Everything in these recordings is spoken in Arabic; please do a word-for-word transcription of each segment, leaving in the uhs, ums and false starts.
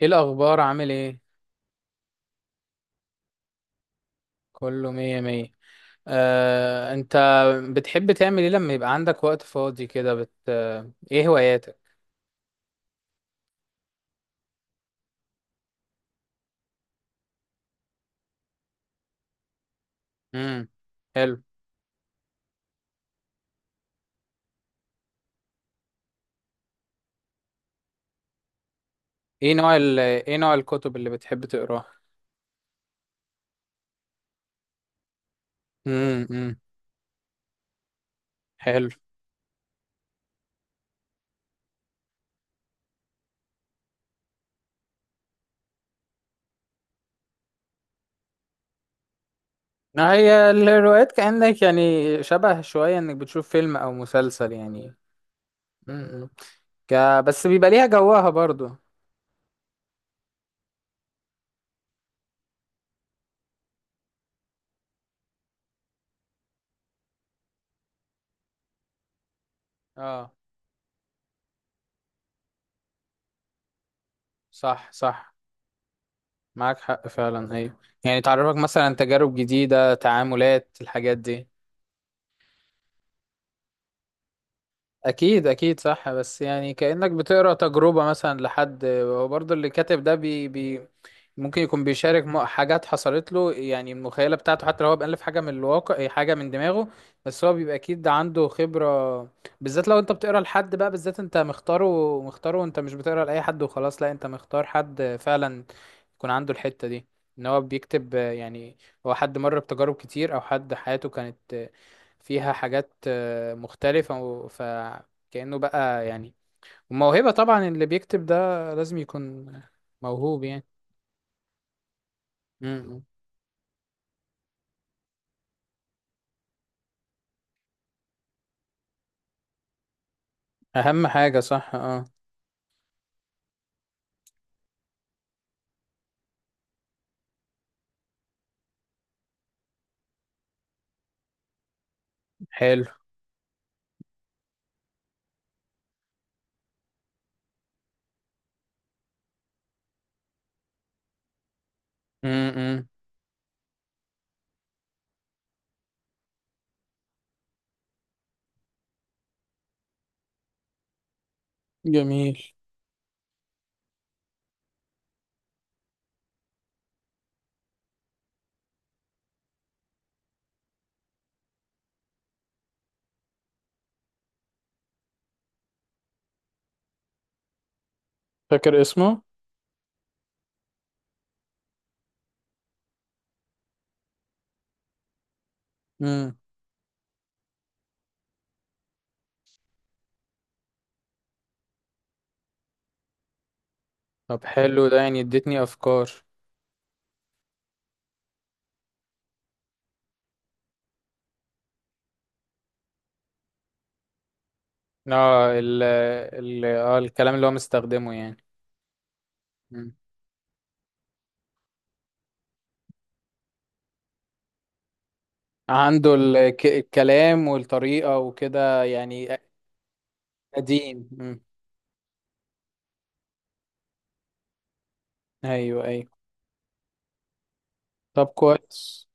ايه الاخبار؟ عامل ايه؟ كله مية مية. آه، انت بتحب تعمل ايه لما يبقى عندك وقت فاضي كده؟ بت... آه، ايه هواياتك؟ امم. حلو. ايه نوع ال... ايه نوع الكتب اللي بتحب تقراها؟ امم امم حلو. ما هي الروايات كأنك يعني شبه شوية انك بتشوف فيلم او مسلسل يعني. امم. ك... بس بيبقى ليها جواها برضو. اه. صح صح. معاك حق فعلا، ايوه. يعني تعرفك مثلا تجارب جديدة، تعاملات الحاجات دي. اكيد اكيد، صح. بس يعني كأنك بتقرا تجربة مثلا لحد، وبرضه اللي كاتب ده بي بي ممكن يكون بيشارك م- حاجات حصلت له، يعني المخيلة بتاعته حتى لو هو بألف حاجة من الواقع إيه، حاجة من دماغه. بس هو بيبقى اكيد عنده خبرة، بالذات لو انت بتقرا لحد بقى، بالذات انت مختاره. مختاره وانت مش بتقرا لأي حد وخلاص، لا انت مختار حد فعلا يكون عنده الحتة دي، ان هو بيكتب آه، يعني هو حد مر بتجارب كتير، او حد حياته كانت آه، فيها حاجات آه، مختلفة و- فكأنه بقى يعني. وموهبة طبعا، اللي بيكتب ده لازم يكون موهوب يعني. م- م. اهم حاجة، صح، اه. حلو. م- م. جميل. فاكر اسمه؟ م. طب حلو، ده يعني اديتني افكار. اه، ال ال اه، الكلام اللي هو مستخدمه يعني. عنده ال- الك- الكلام والطريقة وكده يعني قديم. مم. ايوه ايوه. طب كويس.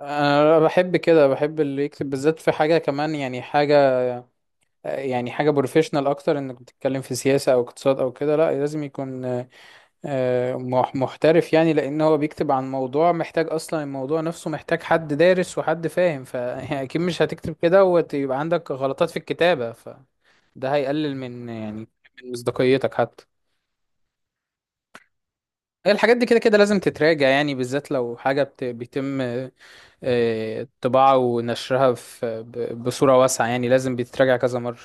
انا بحب كده، بحب اللي يكتب بالذات في حاجة كمان، يعني حاجة، يعني حاجة بروفيشنال اكتر، انك بتتكلم في سياسة او اقتصاد او كده. لا لازم يكون آه، مح- محترف يعني، لان هو بيكتب عن موضوع محتاج، اصلا الموضوع نفسه محتاج حد دارس وحد فاهم، فاكيد مش هتكتب كده ويبقى عندك غلطات في الكتابة، فده هيقلل من يعني من مصداقيتك حتى. هي الحاجات دي كده كده لازم تتراجع يعني، بالذات لو حاجة بت- بيتم آه، طباعة ونشرها في ب- بصورة واسعة يعني، لازم بيتراجع كذا مرة.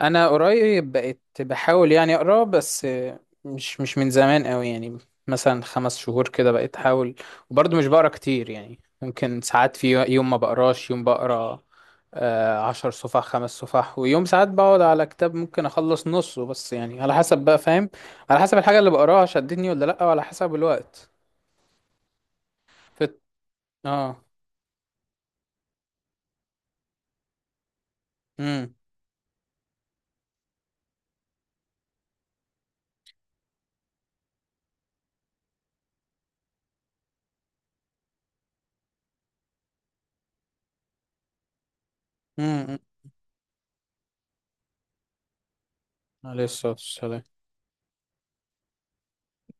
انا قريب بقيت بحاول يعني اقرا، بس مش مش من زمان قوي يعني، مثلا خمس شهور كده بقيت احاول. وبرضه مش بقرا كتير يعني، ممكن ساعات في يوم ما بقراش، يوم بقرا آه، عشر صفح، خمس صفح، ويوم ساعات بقعد على كتاب ممكن اخلص نصه، بس يعني على حسب بقى، فاهم؟ على حسب الحاجة اللي بقراها شدتني ولا لا، وعلى حسب الوقت. فت... اه. امم امم امم. عليه الصلاة والسلام.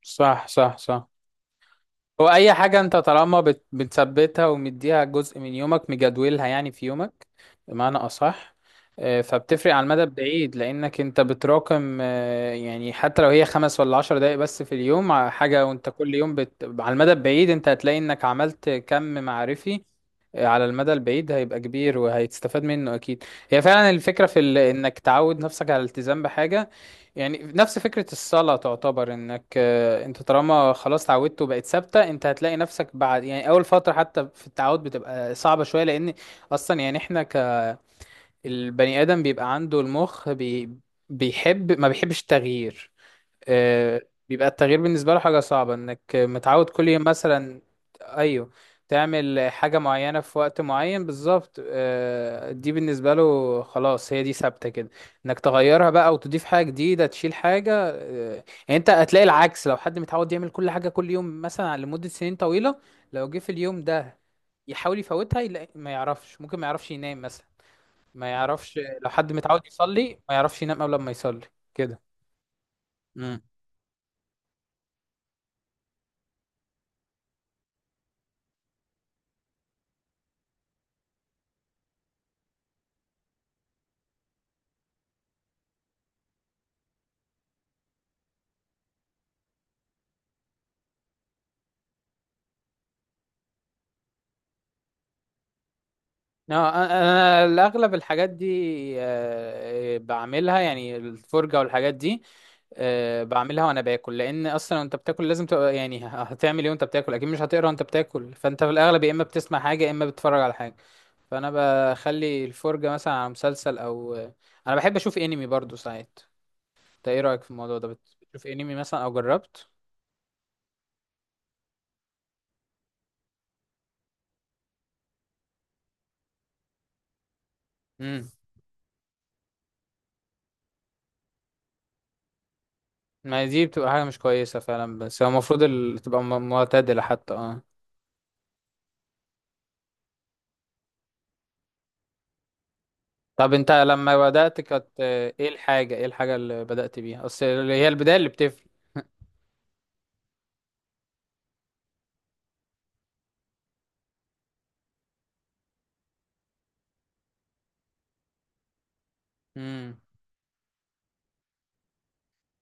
صح صح صح. هو اي حاجه انت طالما بت- بتثبتها ومديها جزء من يومك، مجدولها يعني في يومك بمعنى اصح، آه، فبتفرق على المدى البعيد، لانك انت بتراكم آه، يعني حتى لو هي خمس ولا عشر دقايق بس في اليوم ع- حاجه، وانت كل يوم بت... على المدى البعيد انت هتلاقي انك عملت كم معرفي. على المدى البعيد هيبقى كبير، وهيتستفاد منه اكيد. هي فعلا الفكره في ال... انك تعود نفسك على الالتزام بحاجه يعني، نفس فكره الصلاه. تعتبر انك آه، انت طالما خلاص تعودت وبقت ثابته، انت هتلاقي نفسك بعد يعني اول فتره حتى في التعود بتبقى صعبه شويه، لان اصلا يعني احنا كالبني ادم بيبقى عنده المخ بي... بيحب، ما بيحبش التغيير. آه، بيبقى التغيير بالنسبة له حاجة صعبة. انك متعود كل يوم مثلا، ايوه، تعمل حاجة معينة في وقت معين بالظبط، آه، دي بالنسبة له خلاص، هي دي ثابتة كده. انك تغيرها بقى وتضيف حاجة جديدة، تشيل حاجة آه، يعني، انت هتلاقي العكس. لو حد متعود يعمل كل حاجة كل يوم مثلا لمدة سنين طويلة، لو جه في اليوم ده يحاول يفوتها، يلاقي ما يعرفش، ممكن ما يعرفش ينام مثلا، ما يعرفش. لو حد متعود يصلي ما يعرفش ينام قبل ما يصلي كده. اه، انا الاغلب الحاجات دي آه، بعملها، يعني الفرجه والحاجات دي آه، بعملها وانا باكل، لان اصلا وانت بتاكل لازم تبقى يعني هتعمل ايه وانت بتاكل، اكيد مش هتقرا وانت بتاكل، فانت في الاغلب يا اما بتسمع حاجه يا اما بتتفرج على حاجه. فانا بخلي الفرجه مثلا على مسلسل، او انا بحب اشوف انمي برضو ساعات. انت ايه رايك في الموضوع ده، بت- بتشوف انمي مثلا او جربت؟ امم. ما هي دي بتبقى حاجه مش كويسه فعلا، بس هو المفروض ال- تبقى م- معتدله حتى، اه. طب انت لما بدأت كانت آه، ايه الحاجة، ايه الحاجة اللي بدأت بيها، اصل اللي هي البداية اللي بتفرق؟ امم.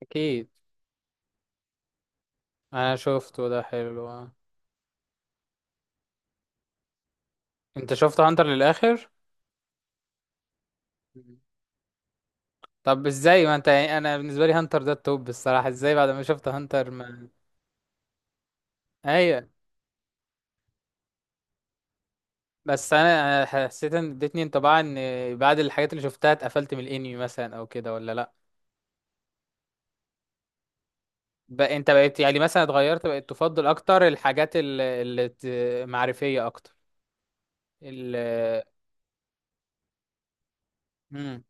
اكيد. انا شفته ده، حلو آه. انت شفت هانتر للآخر؟ مم. طب ازاي؟ ما انت يعني انا بالنسبة لي هانتر ده التوب الصراحة، ازاي بعد ما شفت هانتر ما... ايوه. بس انا انا حسيت ان ادتني انطباع ان بعد الحاجات اللي شفتها اتقفلت من الانمي مثلا او كده، ولا لا؟ بقى انت بقيت يعني مثلا اتغيرت، بقيت تفضل اكتر الحاجات ال- اللي ت- معرفية اكتر ال امم.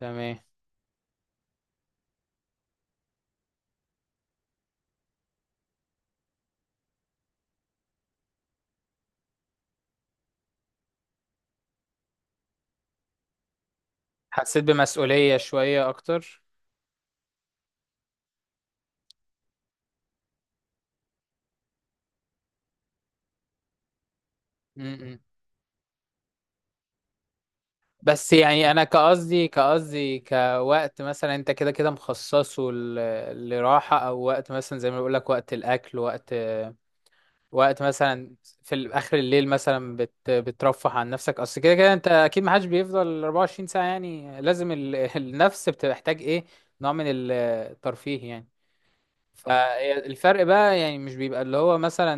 تمام. حسيت بمسؤولية شوية أكتر. م-م. بس يعني أنا كقصدي كقصدي كوقت، مثلا أنت كده كده مخصصه ل- لراحة، أو وقت مثلا زي ما بقولك وقت الأكل، وقت وقت مثلا في ال- آخر الليل مثلا بت... بترفه عن نفسك، أصل كده كده أنت أكيد محدش بيفضل أربعة وعشرين ساعة يعني، لازم ال... النفس بتحتاج إيه نوع من الترفيه يعني. فالفرق بقى يعني مش بيبقى اللي هو مثلا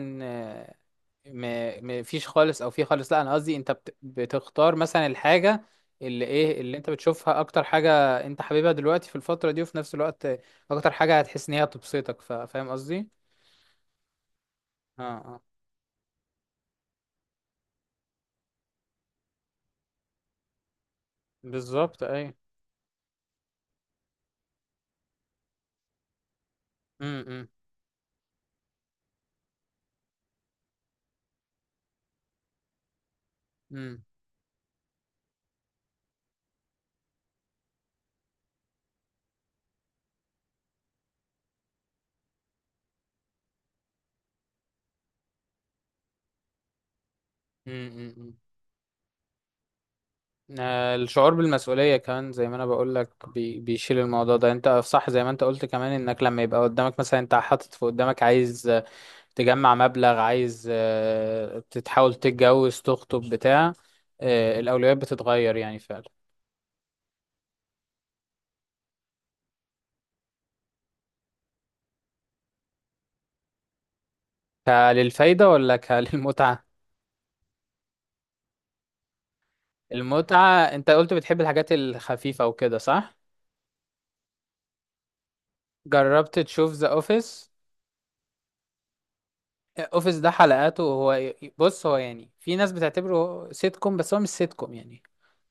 ما ما فيش خالص او في خالص، لا انا قصدي انت بت... بتختار مثلا الحاجه اللي ايه اللي انت بتشوفها اكتر حاجه انت حاببها دلوقتي في الفتره دي، وفي نفس الوقت اكتر حاجه هتحس ان هي تبسطك، ف... فاهم قصدي؟ اه اه. بالظبط اي. امم امم امم امم، امم. آه، الشعور بالمسؤوليه كمان زي ما انا بقول لك بي... بيشيل الموضوع ده، انت صح زي ما انت قلت كمان، انك لما يبقى قدامك مثلا، انت حاطط في قدامك عايز تجمع مبلغ، عايز آه، تتحاول تتجوز تخطب بتاع، آه، الأولويات بتتغير يعني فعلا. كللفايدة ولا كللمتعة؟ المتعة. انت قلت بتحب الحاجات الخفيفة وكده، صح؟ جربت تشوف ذا اوفيس؟ اوفيس ده حلقاته، هو بص، هو يعني في ناس بتعتبره سيت كوم، بس هو مش سيت كوم يعني.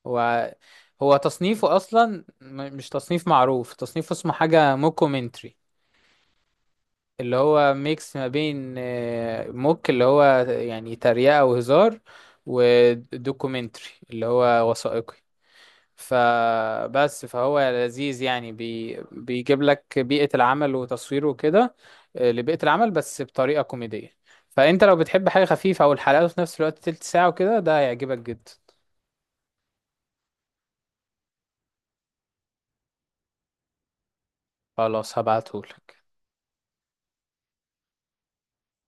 هو هو تصنيفه اصلا م- مش تصنيف معروف، تصنيفه اسمه حاجة موكومنتري. اللي هو ميكس ما بين آه، موك اللي هو يعني تريقة وهزار، ودوكيومنتري اللي هو وثائقي. فبس فهو لذيذ يعني، بي بيجيب لك بيئة العمل وتصويره وكده، آه، لبيئة العمل بس بطريقة كوميدية. فانت لو بتحب حاجة خفيفة، او الحلقات في نفس الوقت تلت ساعة وكده، ده هيعجبك جدا. خلاص هبعتهولك.